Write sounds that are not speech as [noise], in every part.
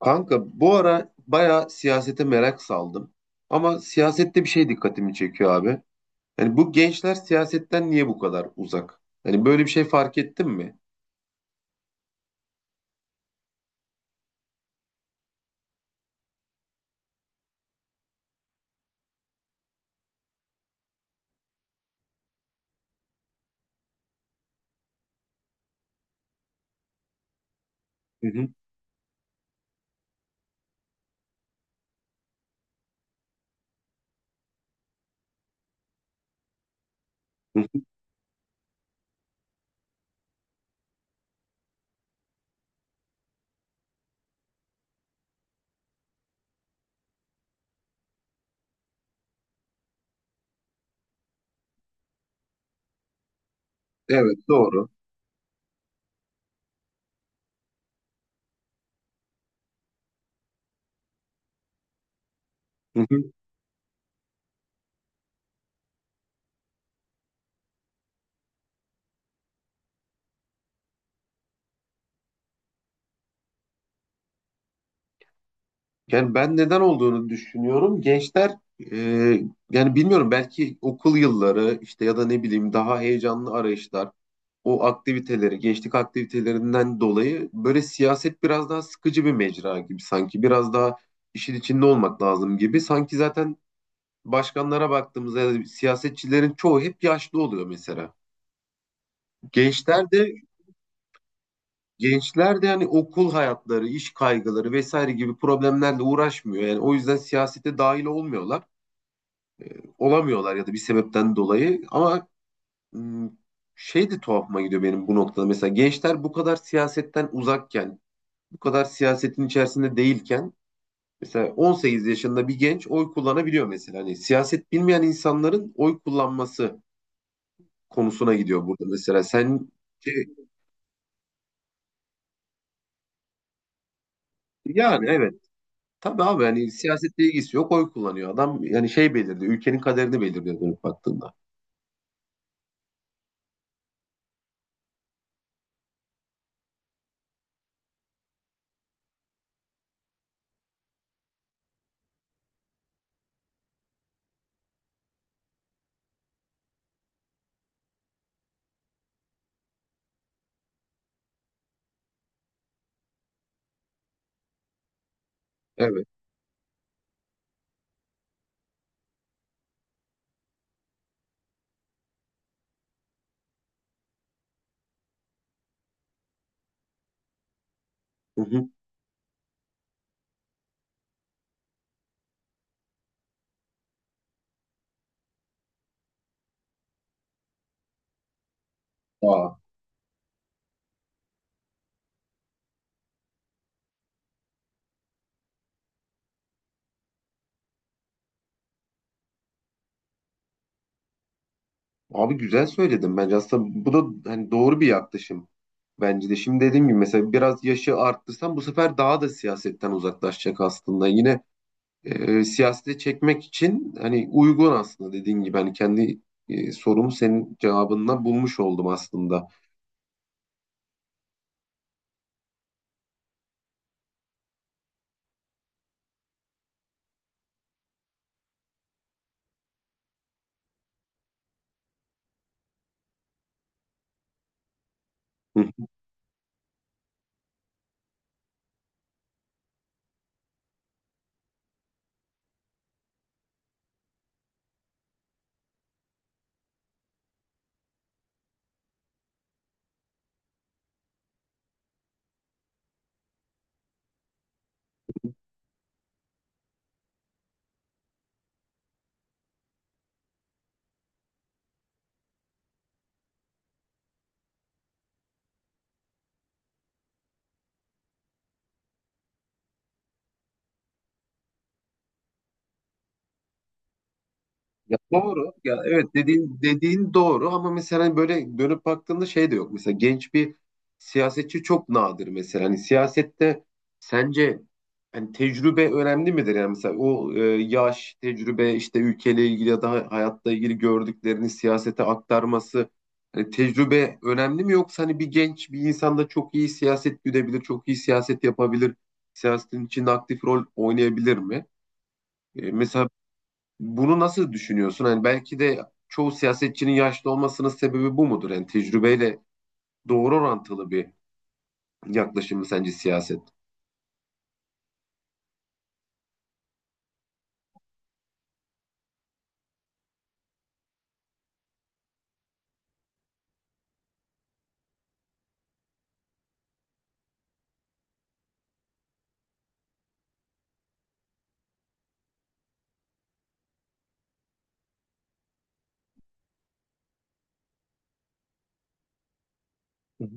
Kanka bu ara bayağı siyasete merak saldım. Ama siyasette bir şey dikkatimi çekiyor abi. Yani bu gençler siyasetten niye bu kadar uzak? Hani böyle bir şey fark ettin mi? Hı hı. Hı hı. Evet, doğru. Hı hı. Yani ben neden olduğunu düşünüyorum. Gençler e, yani bilmiyorum, belki okul yılları işte ya da ne bileyim daha heyecanlı arayışlar, o aktiviteleri, gençlik aktivitelerinden dolayı böyle siyaset biraz daha sıkıcı bir mecra gibi, sanki biraz daha işin içinde olmak lazım gibi. Sanki zaten başkanlara baktığımızda ya da siyasetçilerin çoğu hep yaşlı oluyor mesela. Gençler de gençler de yani okul hayatları, iş kaygıları vesaire gibi problemlerle uğraşmıyor. Yani o yüzden siyasete dahil olamıyorlar ya da bir sebepten dolayı ama m, şey de tuhafıma gidiyor benim bu noktada. Mesela gençler bu kadar siyasetten uzakken, bu kadar siyasetin içerisinde değilken, mesela 18 yaşında bir genç oy kullanabiliyor mesela. Hani siyaset bilmeyen insanların oy kullanması konusuna gidiyor burada mesela. Sen şey, yani evet. Tabii abi, hani siyasetle ilgisi yok, oy kullanıyor adam. Yani şey belirliyor. Ülkenin kaderini belirliyor dönüp baktığında. Evet. Hı hı. Aa. Abi güzel söyledin bence. Aslında bu da hani doğru bir yaklaşım. Bence de şimdi dediğim gibi mesela biraz yaşı arttırsan bu sefer daha da siyasetten uzaklaşacak aslında. Yine siyasete çekmek için hani uygun, aslında dediğin gibi hani kendi sorumu senin cevabından bulmuş oldum aslında. [laughs] Ya doğru. Ya evet, dediğin doğru ama mesela hani böyle dönüp baktığında şey de yok. Mesela genç bir siyasetçi çok nadir mesela. Hani siyasette sence hani tecrübe önemli midir? Yani mesela o yaş, tecrübe, işte ülkeyle ilgili ya da hayatla ilgili gördüklerini siyasete aktarması, hani tecrübe önemli mi, yoksa hani bir genç bir insan da çok iyi siyaset güdebilir, çok iyi siyaset yapabilir, siyasetin içinde aktif rol oynayabilir mi? Mesela bunu nasıl düşünüyorsun? Hani belki de çoğu siyasetçinin yaşlı olmasının sebebi bu mudur? Yani tecrübeyle doğru orantılı bir yaklaşım mı sence siyaset? Hı hı.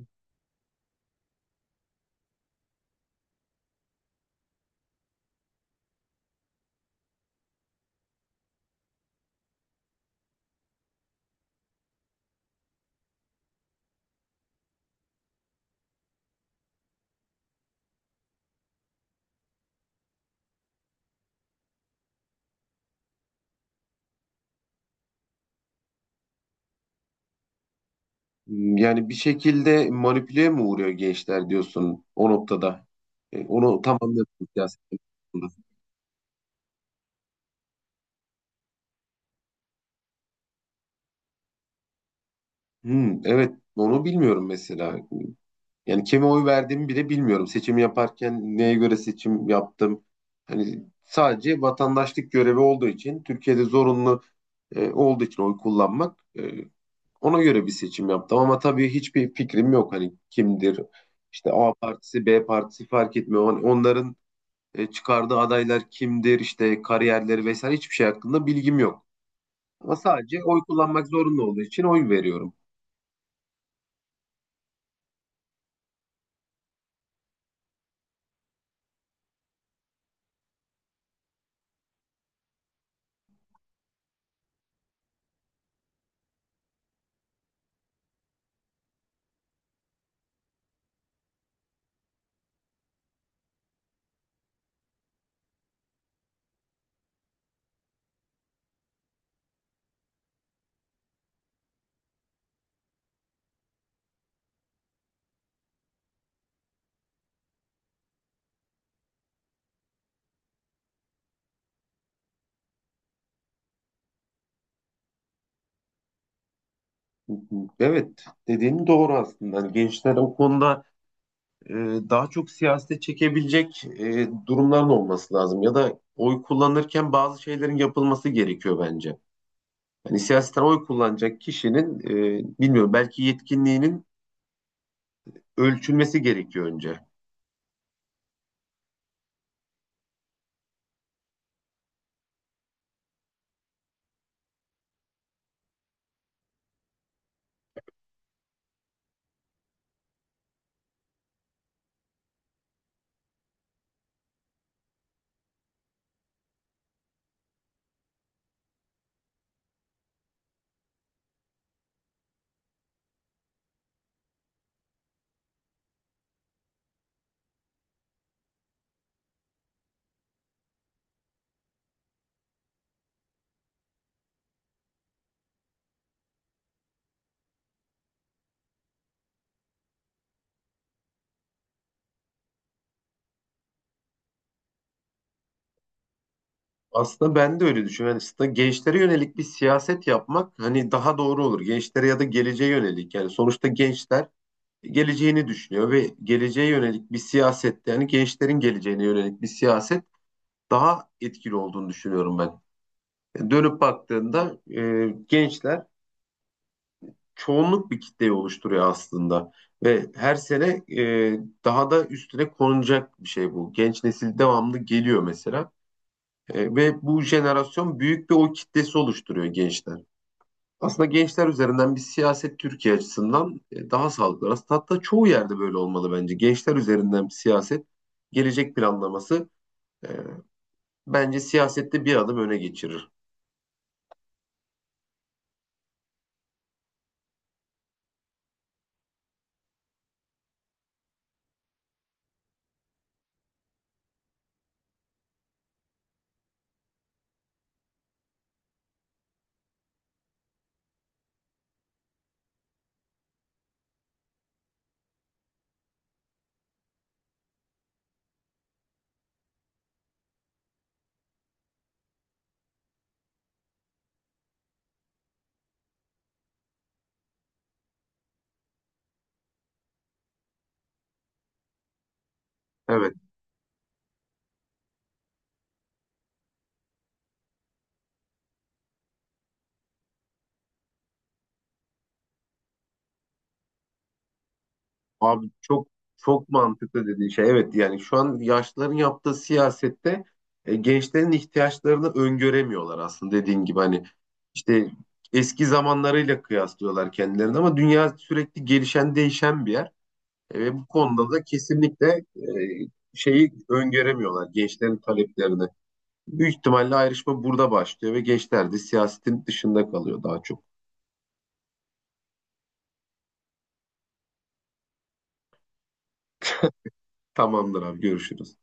Yani bir şekilde manipüle mi uğruyor gençler diyorsun o noktada? Onu tam anladım siyaset konusunda. Hmm, evet, onu bilmiyorum mesela. Yani kime oy verdiğimi bile bilmiyorum. Seçim yaparken neye göre seçim yaptım? Hani sadece vatandaşlık görevi olduğu için, Türkiye'de zorunlu olduğu için oy kullanmak, ona göre bir seçim yaptım. Ama tabii hiçbir fikrim yok. Hani kimdir? İşte A partisi, B partisi fark etmiyor. Hani onların çıkardığı adaylar kimdir? İşte kariyerleri vesaire hiçbir şey hakkında bilgim yok. Ama sadece oy kullanmak zorunlu olduğu için oy veriyorum. Evet, dediğin doğru aslında. Hani gençler o konuda e, daha çok siyasete çekebilecek durumların olması lazım ya da oy kullanırken bazı şeylerin yapılması gerekiyor bence. Hani siyasetten oy kullanacak kişinin bilmiyorum, belki yetkinliğinin ölçülmesi gerekiyor önce. Aslında ben de öyle düşünüyorum. Yani aslında gençlere yönelik bir siyaset yapmak hani daha doğru olur. Gençlere ya da geleceğe yönelik. Yani sonuçta gençler geleceğini düşünüyor ve geleceğe yönelik bir siyaset, yani gençlerin geleceğine yönelik bir siyaset daha etkili olduğunu düşünüyorum ben. Dönüp baktığında gençler çoğunluk bir kitleyi oluşturuyor aslında. Ve her sene daha da üstüne konulacak bir şey bu. Genç nesil devamlı geliyor mesela. Ve bu jenerasyon büyük bir o kitlesi oluşturuyor, gençler. Aslında gençler üzerinden bir siyaset Türkiye açısından daha sağlıklı. Aslında hatta çoğu yerde böyle olmalı bence. Gençler üzerinden bir siyaset, gelecek planlaması e, bence siyasette bir adım öne geçirir. Evet. Abi çok mantıklı dediğin şey. Evet, yani şu an yaşlıların yaptığı siyasette gençlerin ihtiyaçlarını öngöremiyorlar aslında, dediğin gibi hani işte eski zamanlarıyla kıyaslıyorlar kendilerini, ama dünya sürekli gelişen değişen bir yer. Ve bu konuda da kesinlikle e, şeyi öngöremiyorlar, gençlerin taleplerini. Büyük ihtimalle ayrışma burada başlıyor ve gençler de siyasetin dışında kalıyor daha çok. Tamamdır abi, görüşürüz.